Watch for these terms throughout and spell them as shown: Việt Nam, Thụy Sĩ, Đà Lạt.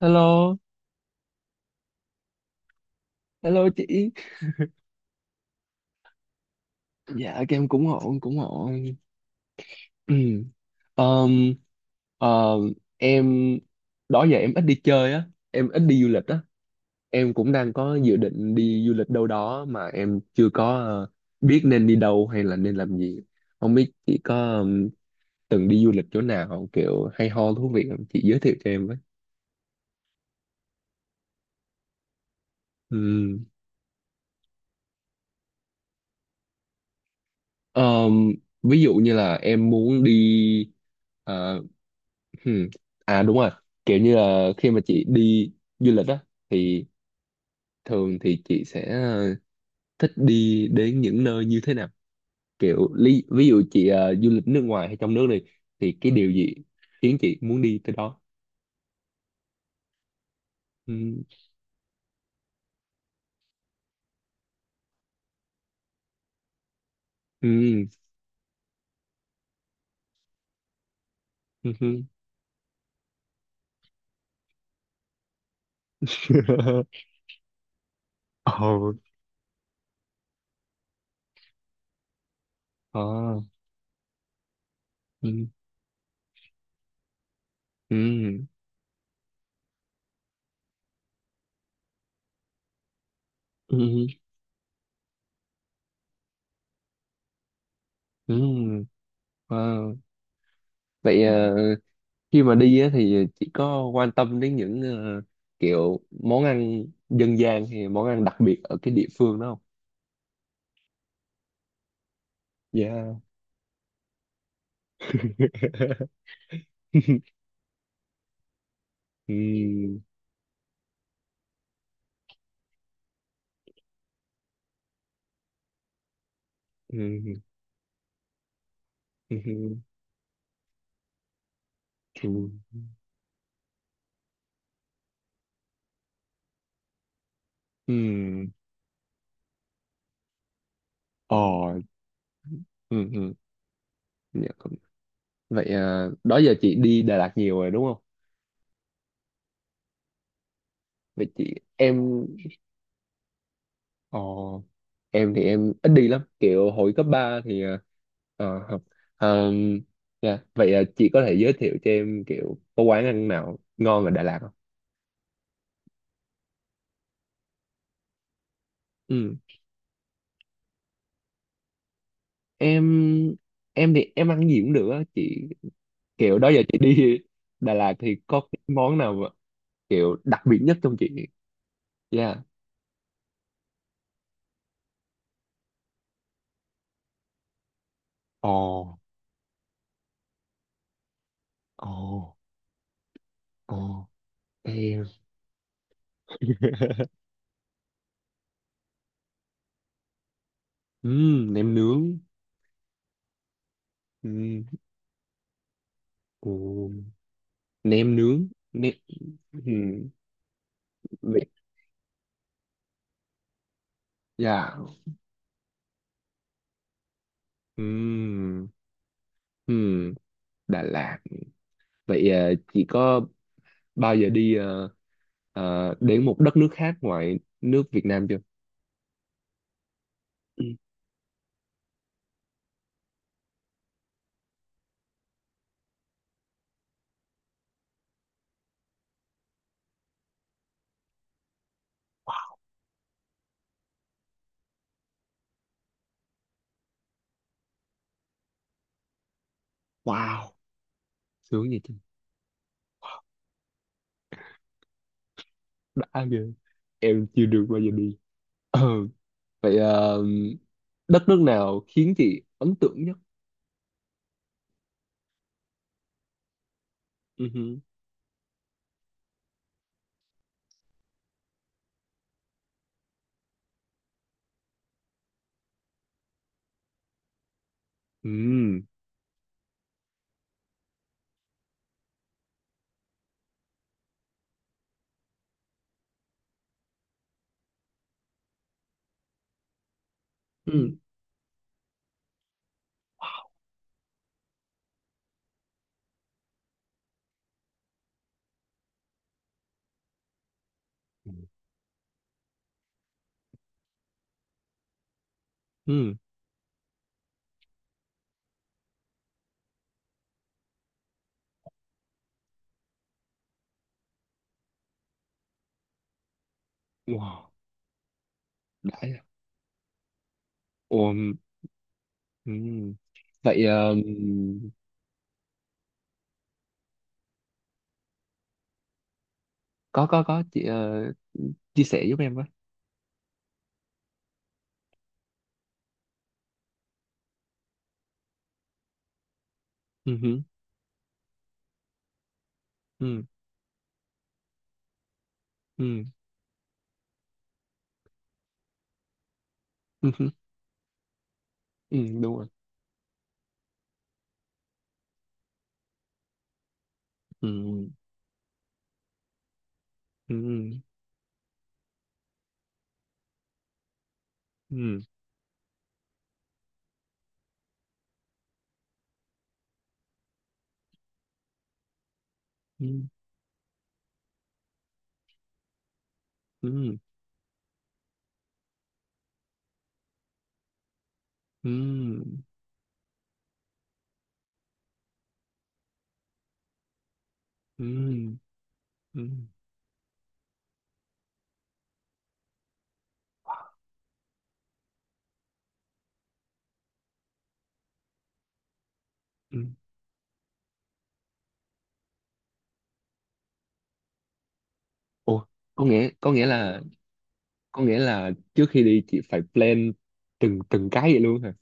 Hello, hello chị. Dạ các em cũng ổn, cũng ổn. Em đó giờ em ít đi chơi á, em ít đi du lịch á. Em cũng đang có dự định đi du lịch đâu đó mà em chưa có biết nên đi đâu hay là nên làm gì. Không biết chị có từng đi du lịch chỗ nào kiểu hay ho thú vị không? Chị giới thiệu cho em với. Ừ. Ờm, ví dụ như là em muốn đi. Ờ, hmm, à đúng rồi, kiểu như là khi mà chị đi du lịch á thì thường thì chị sẽ thích đi đến những nơi như thế nào, ví dụ chị du lịch nước ngoài hay trong nước đi thì cái điều gì khiến chị muốn đi tới đó. Ừ, ừ, ừ. Ồ, ờ, ừ, ừ, ừ, ừ. Wow. Vậy khi mà đi á, thì chỉ có quan tâm đến những kiểu món ăn dân gian hay món ăn đặc biệt ở cái địa phương đó không? Yeah. Ừm, ừm, ừm, ừm, ừm. Ờ, ừm. Dạ. Vậy đó giờ chị đi Đà Lạt nhiều rồi đúng không? Vậy chị em Ồ, em thì em ít đi lắm, kiểu hồi cấp 3 thì học. Ờ, dạ. Vậy chị có thể giới thiệu cho em kiểu có quán ăn nào ngon ở Đà Lạt không? Ừ. Em em thì em ăn gì cũng được á chị, kiểu đó giờ chị đi Đà Lạt thì có cái món nào mà kiểu đặc biệt nhất trong chị? Dạ. Ồ, ồ, ồ. Em. Nem nướng. Ừm, ồ, nem nướng. Nem. Ừm, Vậy. Dạ. Ừm, ừm, Đà Lạt. Vậy chị có bao giờ đi đến một đất nước khác ngoài nước Việt Nam chưa? Ừ. Wow, sướng vậy chứ. Đã ghê. Em chưa được bao giờ đi. Ờ, vậy đất nước nào khiến chị ấn tượng nhất? Ừ, hử. Ừm, ừm, ừm. Wow, đã vậy. Ồ, ừm. Vậy có chị chia sẻ giúp em với. Ừ, hử. Ừ. Ừ. Ừ, đúng rồi. Ừ, ừ, ừ, ừ, ừ, ừ, ừ, ừ, ừ. Ủa, có nghĩa có nghĩa là có nghĩa là trước khi đi chị phải plan từng từng cái vậy luôn hả?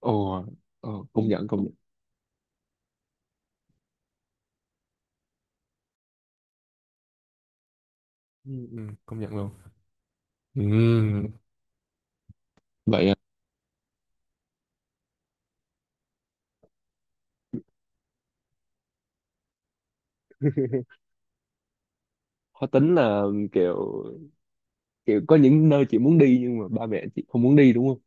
Ồ, ồ, công nhận công nhận. Ừ, ừ, công nhận luôn. Ừ, vậy à. Khó tính là kiểu kiểu có những nơi chị muốn đi nhưng mà ba mẹ chị không muốn đi đúng không?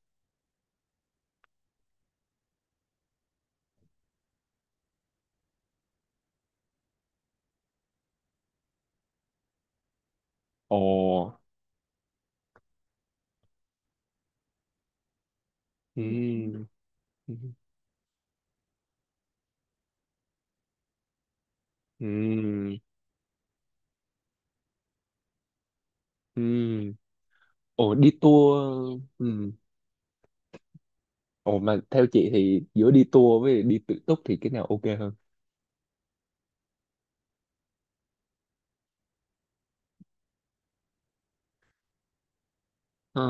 Ồ, ừ, ừ, ừ. Ừ. Ồ, đi tour. Ừ. Ồ, mà theo chị thì giữa đi tour với đi tự túc thì cái nào ok hơn? Ờ,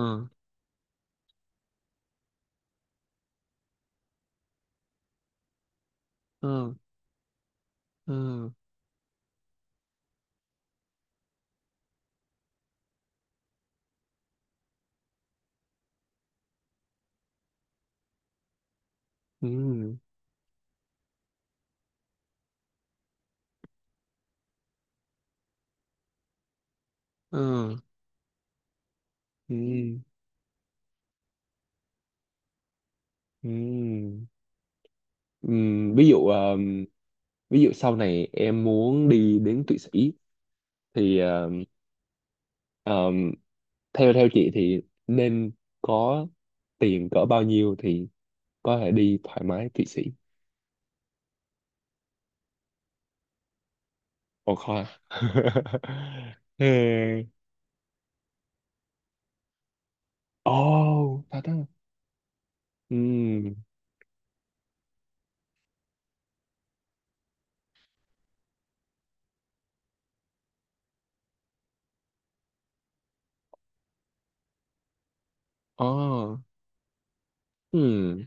ờ, ờ, ừ, ờ, ừ, ừ. Ừm. Ví dụ sau này em muốn đi đến Thụy Sĩ thì ờ, theo theo chị thì nên có tiền cỡ bao nhiêu thì có thể đi thoải mái Thụy Sĩ. Ồ khoan. Ừ. Ồ, thật á. Ừ. Ồ. Ừ.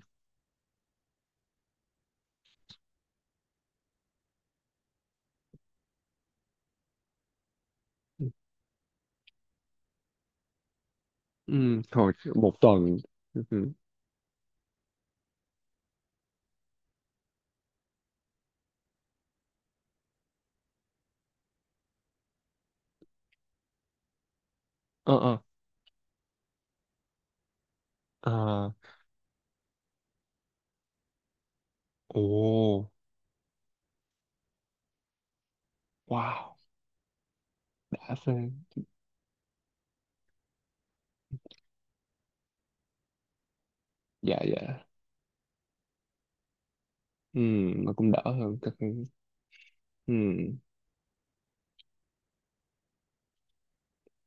Ừ, hồi một tuần. Ừ, ừ. Ờ, ờ. À, ồ, wow, đã phê. Dạ, dạ. Ừ, mà cũng đỡ hơn. Các cái. Ừ.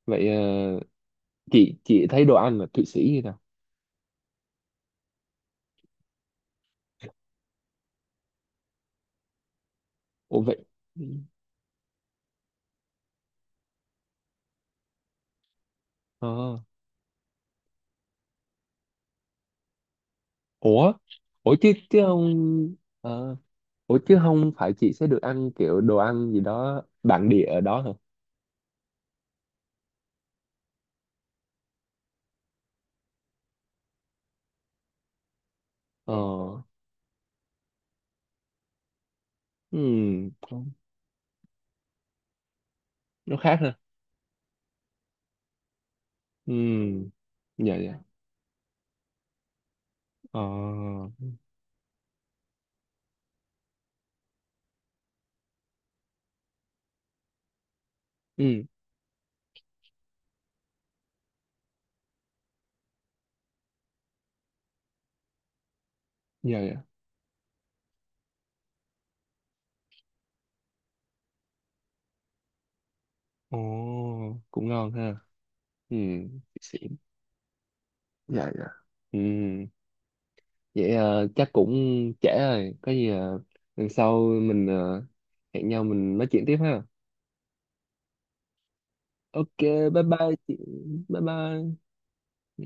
Vậy chị thấy đồ ăn là Thụy Sĩ như nào? Ủa vậy? Ừ. Ờ. Ủa? Ủa, chứ chứ không. ờ, Ủa chứ không phải chị sẽ được ăn kiểu đồ ăn gì đó bản địa ở đó hả? Ờ. Ừ. Nó khác hả? Ừ. Dạ dạ. Ờ. Ừ. Dạ dạ. Ồ, cũng ngon ha. Ừ, xịn. Dạ dạ. Ừ, vậy chắc cũng trễ rồi. Có gì lần sau mình hẹn nhau mình nói chuyện tiếp ha. OK, bye bye chị. Bye bye. Ừ.